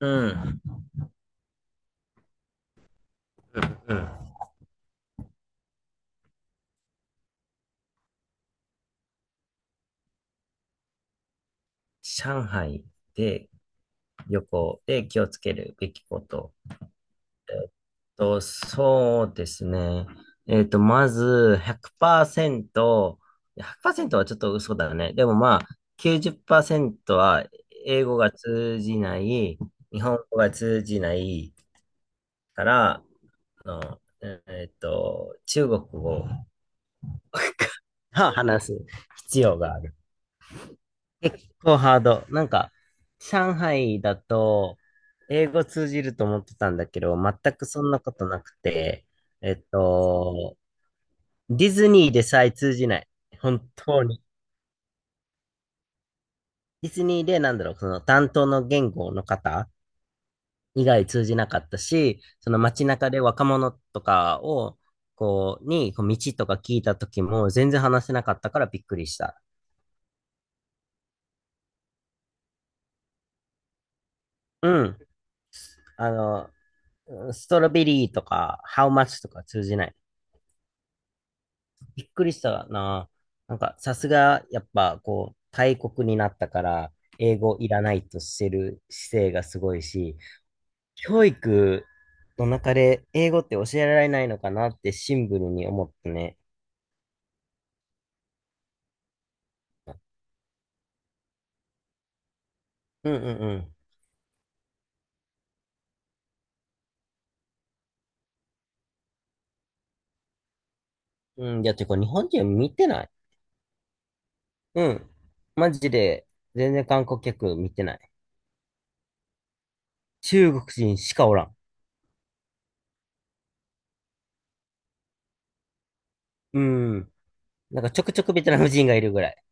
うん。うん。上海で旅行で気をつけるべきこと。と、そうですね。まず100%、100%はちょっと嘘だね。でもまあ、90%は英語が通じない、日本語が通じないから、あの、中国語を話す必要がある。結構ハード。なんか、上海だと、英語通じると思ってたんだけど、全くそんなことなくて、えっと、ディズニーでさえ通じない。本当に。ディズニーで、なんだろう、その担当の言語の方以外通じなかったし、その街中で若者とかを、こう、に、こう道とか聞いた時も全然話せなかったからびっくりした。うん。あの、ストロベリーとか、ハウマッチとか通じない。びっくりしたな。なんか、さすが、やっぱ、こう、大国になったから、英語いらないとしてる姿勢がすごいし、教育の中で英語って教えられないのかなってシンプルに思ったね。うんうんうん。うん、いや、てか、日本人見てない。うん。マジで、全然観光客見てない。中国人しかおらん。うん。なんか、ちょくちょくベトナム人がいるぐらい。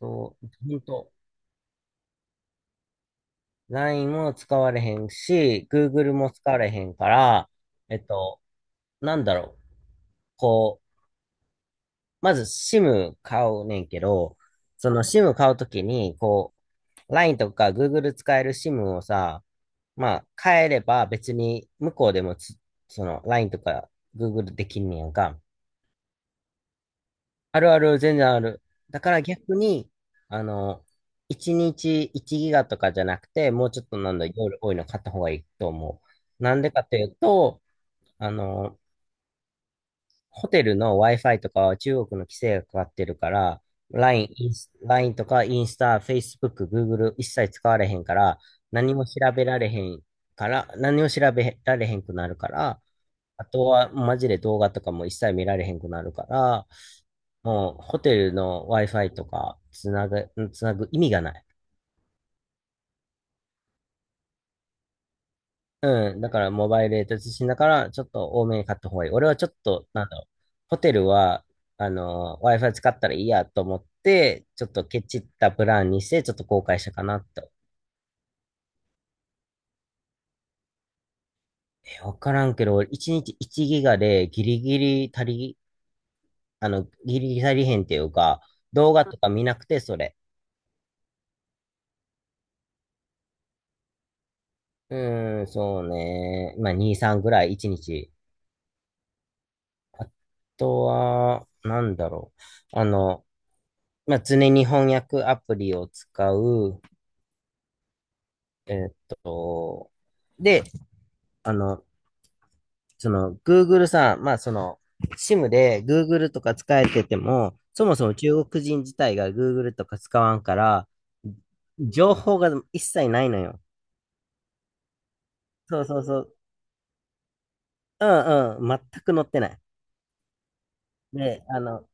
そう、ほんと。LINE も使われへんし、Google も使われへんから、えっと、なんだろう。こう、まず SIM 買うねんけど、その SIM 買うときに、こう、LINE とか Google 使える SIM をさ、まあ、変えれば別に向こうでもその LINE とか Google できんねやんか。あるある、全然ある。だから逆に、あの、1日1ギガとかじゃなくて、もうちょっとなんだ、夜多いの買った方がいいと思う。なんでかというと、あの、ホテルの Wi-Fi とかは中国の規制がかかってるから、LINE とかインスタ、Facebook、Google 一切使われへんから、何も調べられへん何も調べられへんくなるから、あとはマジで動画とかも一切見られへんくなるから、もうホテルの Wi-Fi とかつなぐ意味がない。うん。だから、モバイルで通信だから、ちょっと多めに買った方がいい。俺はちょっと、なんだろう。ホテルは、Wi-Fi 使ったらいいやと思って、ちょっとケチったプランにして、ちょっと後悔したかなと。え、わからんけど、俺1日1ギガでギリギリ足りへんっていうか、動画とか見なくて、それ。うーん、そうね。まあ、2、3ぐらい1日。あとは、なんだろう。まあ、常に翻訳アプリを使う。えーっと、で、あの、その、Google さん、まあ、その、SIM で Google とか使えてても、そもそも中国人自体が Google とか使わんから、情報が一切ないのよ。そうそうそう。うんうん。全く載ってない。で、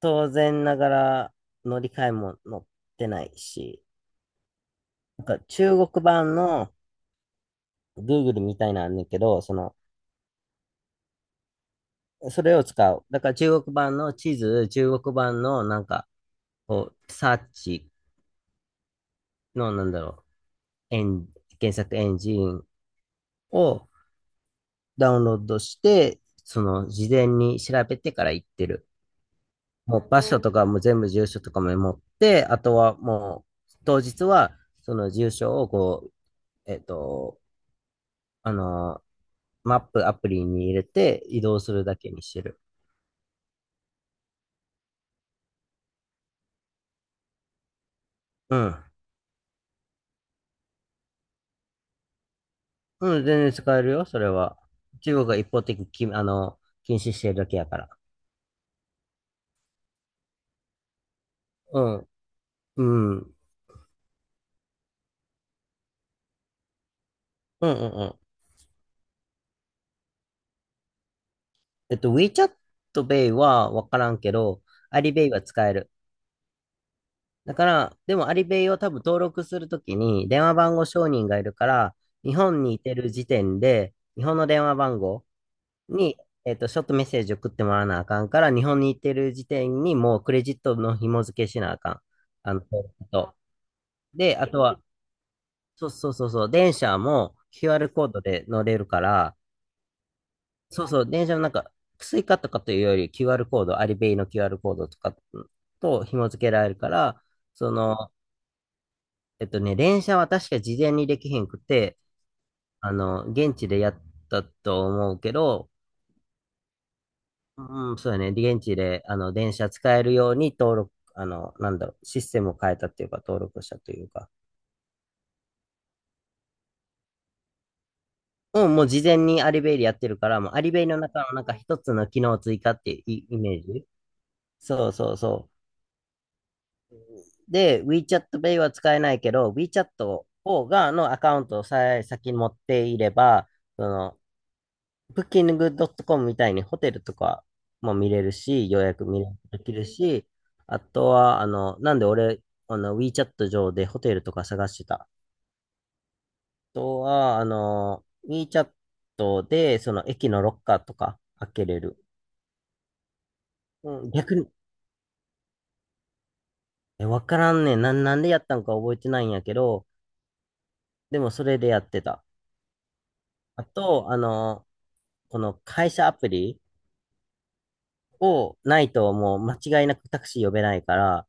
当然ながら乗り換えも載ってないし、なんか中国版の Google みたいなんだけど、その、それを使う。だから中国版の地図、中国版のなんか、こう、サーチの、なんだろう、検索エンジンをダウンロードして、その、事前に調べてから行ってる。もう、場所とかも全部住所とかも持って、あとはもう、当日は、その住所を、こう、えっと、あのマップアプリに入れて移動するだけにしてる。うん。うん、全然使えるよ、それは。中国が一方的にき、あの、禁止してるだけやから。うん。うん。うんうんうん。WeChat Pay はわからんけど、Alipay は使える。だから、でも Alipay を多分登録するときに電話番号承認がいるから、日本にいてる時点で、日本の電話番号に、ショートメッセージ送ってもらわなあかんから、日本にいてる時点にもうクレジットの紐付けしなあかん。登録と。で、あとは、そうそうそうそう、電車も QR コードで乗れるから、そうそう、電車のなんか、スイカとかというより QR コード、アリベイの QR コードとかと紐付けられるから、その、電車は確か事前にできへんくて、現地でやったと思うけど、うん、そうやね、現地で、電車使えるように登録、なんだろう、システムを変えたっていうか、登録したというか、うん、もう事前にアリベイでやってるから、もうアリベイの中のなんか一つの機能追加っていうイイメージそうそうそう。で、WeChat Pay は使えないけど、WeChat のアカウントをさえ先に持っていれば、その、Booking.com みたいにホテルとかも見れるし、予約見れできるし、あとは、なんで俺、WeChat 上でホテルとか探してた。あとは、WeChat で、その、駅のロッカーとか開けれる。うん、逆に、え、わからんねん。なんでやったんか覚えてないんやけど、でもそれでやってた。あと、この配車アプリをないともう間違いなくタクシー呼べないから、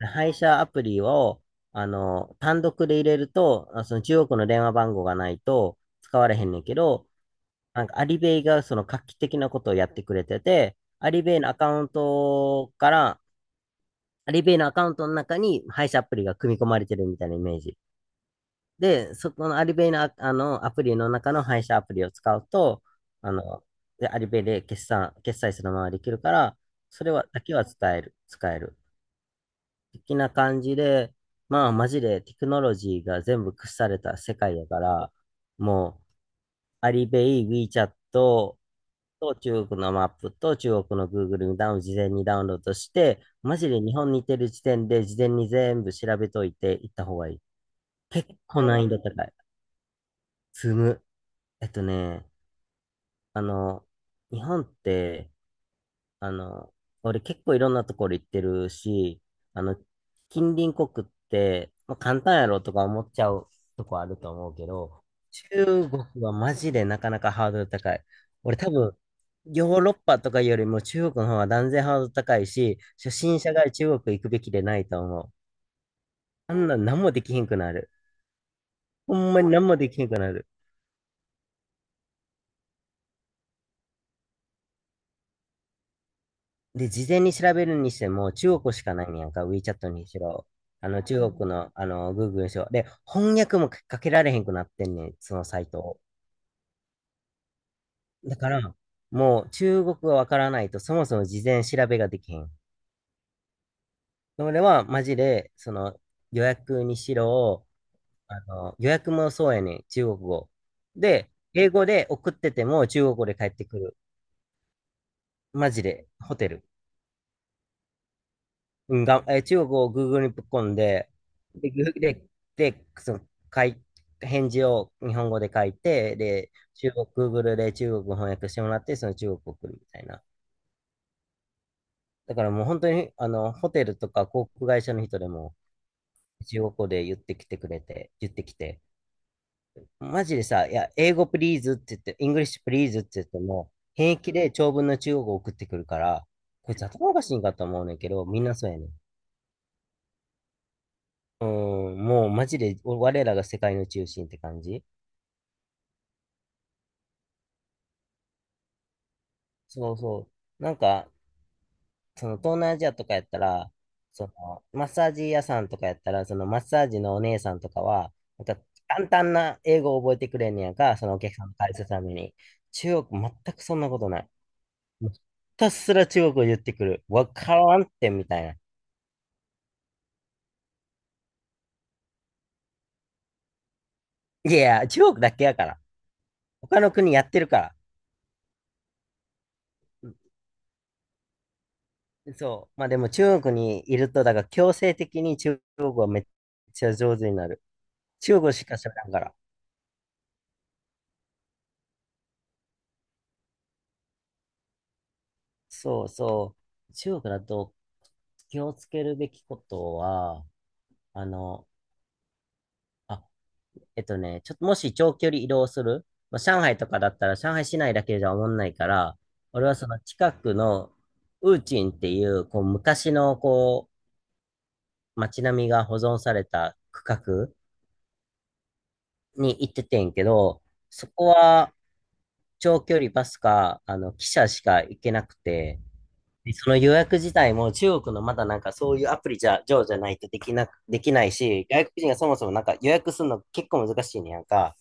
配車アプリを、単独で入れると、その中国の電話番号がないと使われへんねんけど、なんかアリベイがその画期的なことをやってくれてて、アリベイのアカウントから、アリベイのアカウントの中に配車アプリが組み込まれてるみたいなイメージ。で、そこのアリベイの、あのアプリの中の配車アプリを使うと、あの、で、アリベイで決済するままできるから、それは、だけは伝える、使える。的な感じで、まあ、マジでテクノロジーが全部屈された世界やから、もう、アリベイ、WeChat と中国のマップと中国の Google にダウン、事前にダウンロードして、マジで日本にいてる時点で事前に全部調べといて行った方がいい。結構難易度高い。積む。えっとね、あの、日本って、あの、俺結構いろんなところ行ってるし、あの、近隣国って、まあ、簡単やろとか思っちゃうとこあると思うけど、中国はマジでなかなかハードル高い。俺多分、ヨーロッパとかよりも中国の方が断然ハードル高いし、初心者が中国行くべきでないと思う。あんな何もできひんくなる。ほんまに何もできひんくなる。で、事前に調べるにしても、中国しかないんやんか、WeChat にしろ、中国の、Google にしろ。で、翻訳もかけられへんくなってんねん、そのサイトを。だから、もう中国がわからないと、そもそも事前調べができへん。それは、マジで、予約にしろ、予約もそうやねん、中国語。で、英語で送ってても、中国語で帰ってくる。マジで、ホテル。うん、がん、えー中国を Google にぶっ込んで、で、ぐで、で、その、かい、返事を日本語で書いて、で、中国、Google で中国語翻訳してもらって、その中国を送るみたいな。だからもう本当に、ホテルとか航空会社の人でも、中国語で言ってきてくれて、言ってきて、マジでさ、いや、英語プリーズって言って、イングリッシュプリーズって言っても、平気で長文の中国語を送ってくるから、こいつ頭おかしいんかと思うねんけど、みんなそうやねん。うん、もうマジで我らが世界の中心って感じ。そうそう。なんか、その東南アジアとかやったら、そのマッサージ屋さんとかやったら、そのマッサージのお姉さんとかは、なんか簡単な英語を覚えてくれんねやんか、そのお客さんの返すために。中国、全くそんなことない。もうひたすら中国を言ってくる。わからんってみたいな。いやいや、中国だけやから。他の国やってるから。そう。まあでも中国にいると、だから強制的に中国語はめっちゃ上手になる。中国しか喋らんから。そうそう。中国だと気をつけるべきことは、あの、あ、ちょっともし長距離移動する、まあ、上海とかだったら上海市内だけじゃおもんないから、俺はその近くのウーチンっていう、こう昔のこう街並みが保存された区画に行っててんけど、そこは、長距離バスか、あの、汽車しか行けなくて、でその予約自体も中国のまだなんかそういうアプリじゃ、上じゃないとできなく、できないし、外国人がそもそもなんか予約するの結構難しいねやんか。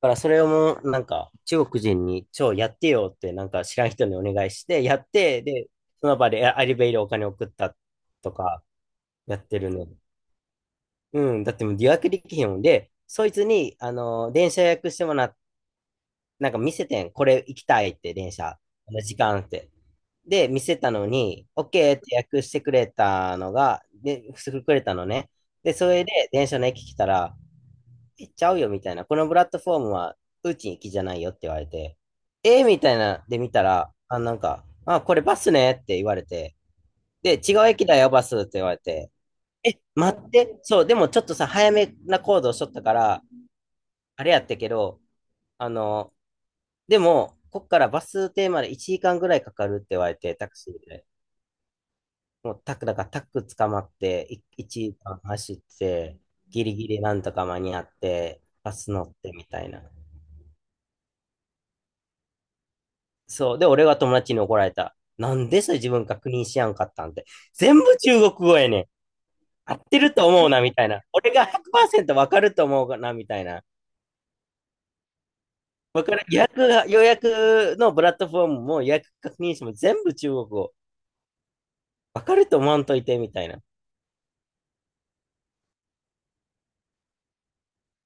だからそれをもうなんか中国人に超やってよってなんか知らん人にお願いして、やって、で、その場でアリベイでお金送ったとかやってるね。うん、だってもう予約できへんもんで、そいつに、あの、電車予約してもらっなんか見せてん。これ行きたいって、電車。この時間って。で、見せたのに、OK って訳してくれたのが、で、してくれたのね。で、それで電車の駅来たら、え、ちゃうよみたいな。このプラットフォームは、うち行きじゃないよって言われて、えーみたいな、で見たら、あ、なんか、あ、これバスねって言われて、で、違う駅だよ、バスって言われて、え、待って、そう、でもちょっとさ、早めな行動しとったから、あれやったけど、あの、でも、こっからバス停まで1時間ぐらいかかるって言われて、タクシーで。もうタク、だからタク捕まって、い1時間走って、ギリギリなんとか間に合って、バス乗ってみたいな。そう。で、俺は友達に怒られた。なんでそれ自分確認しやんかったんて。全部中国語やねん。合ってると思うな、みたいな。俺が100%わかると思うな、みたいな。わから予約が、予約のプラットフォームも予約確認しても全部中国語。わかると思わんといて、みたいな。っ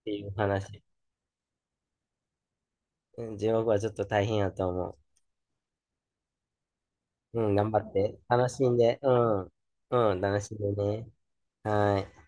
ていう話。うん、地獄はちょっと大変やと思う。うん、頑張って。楽しんで。うん。うん、楽しんでね。はい。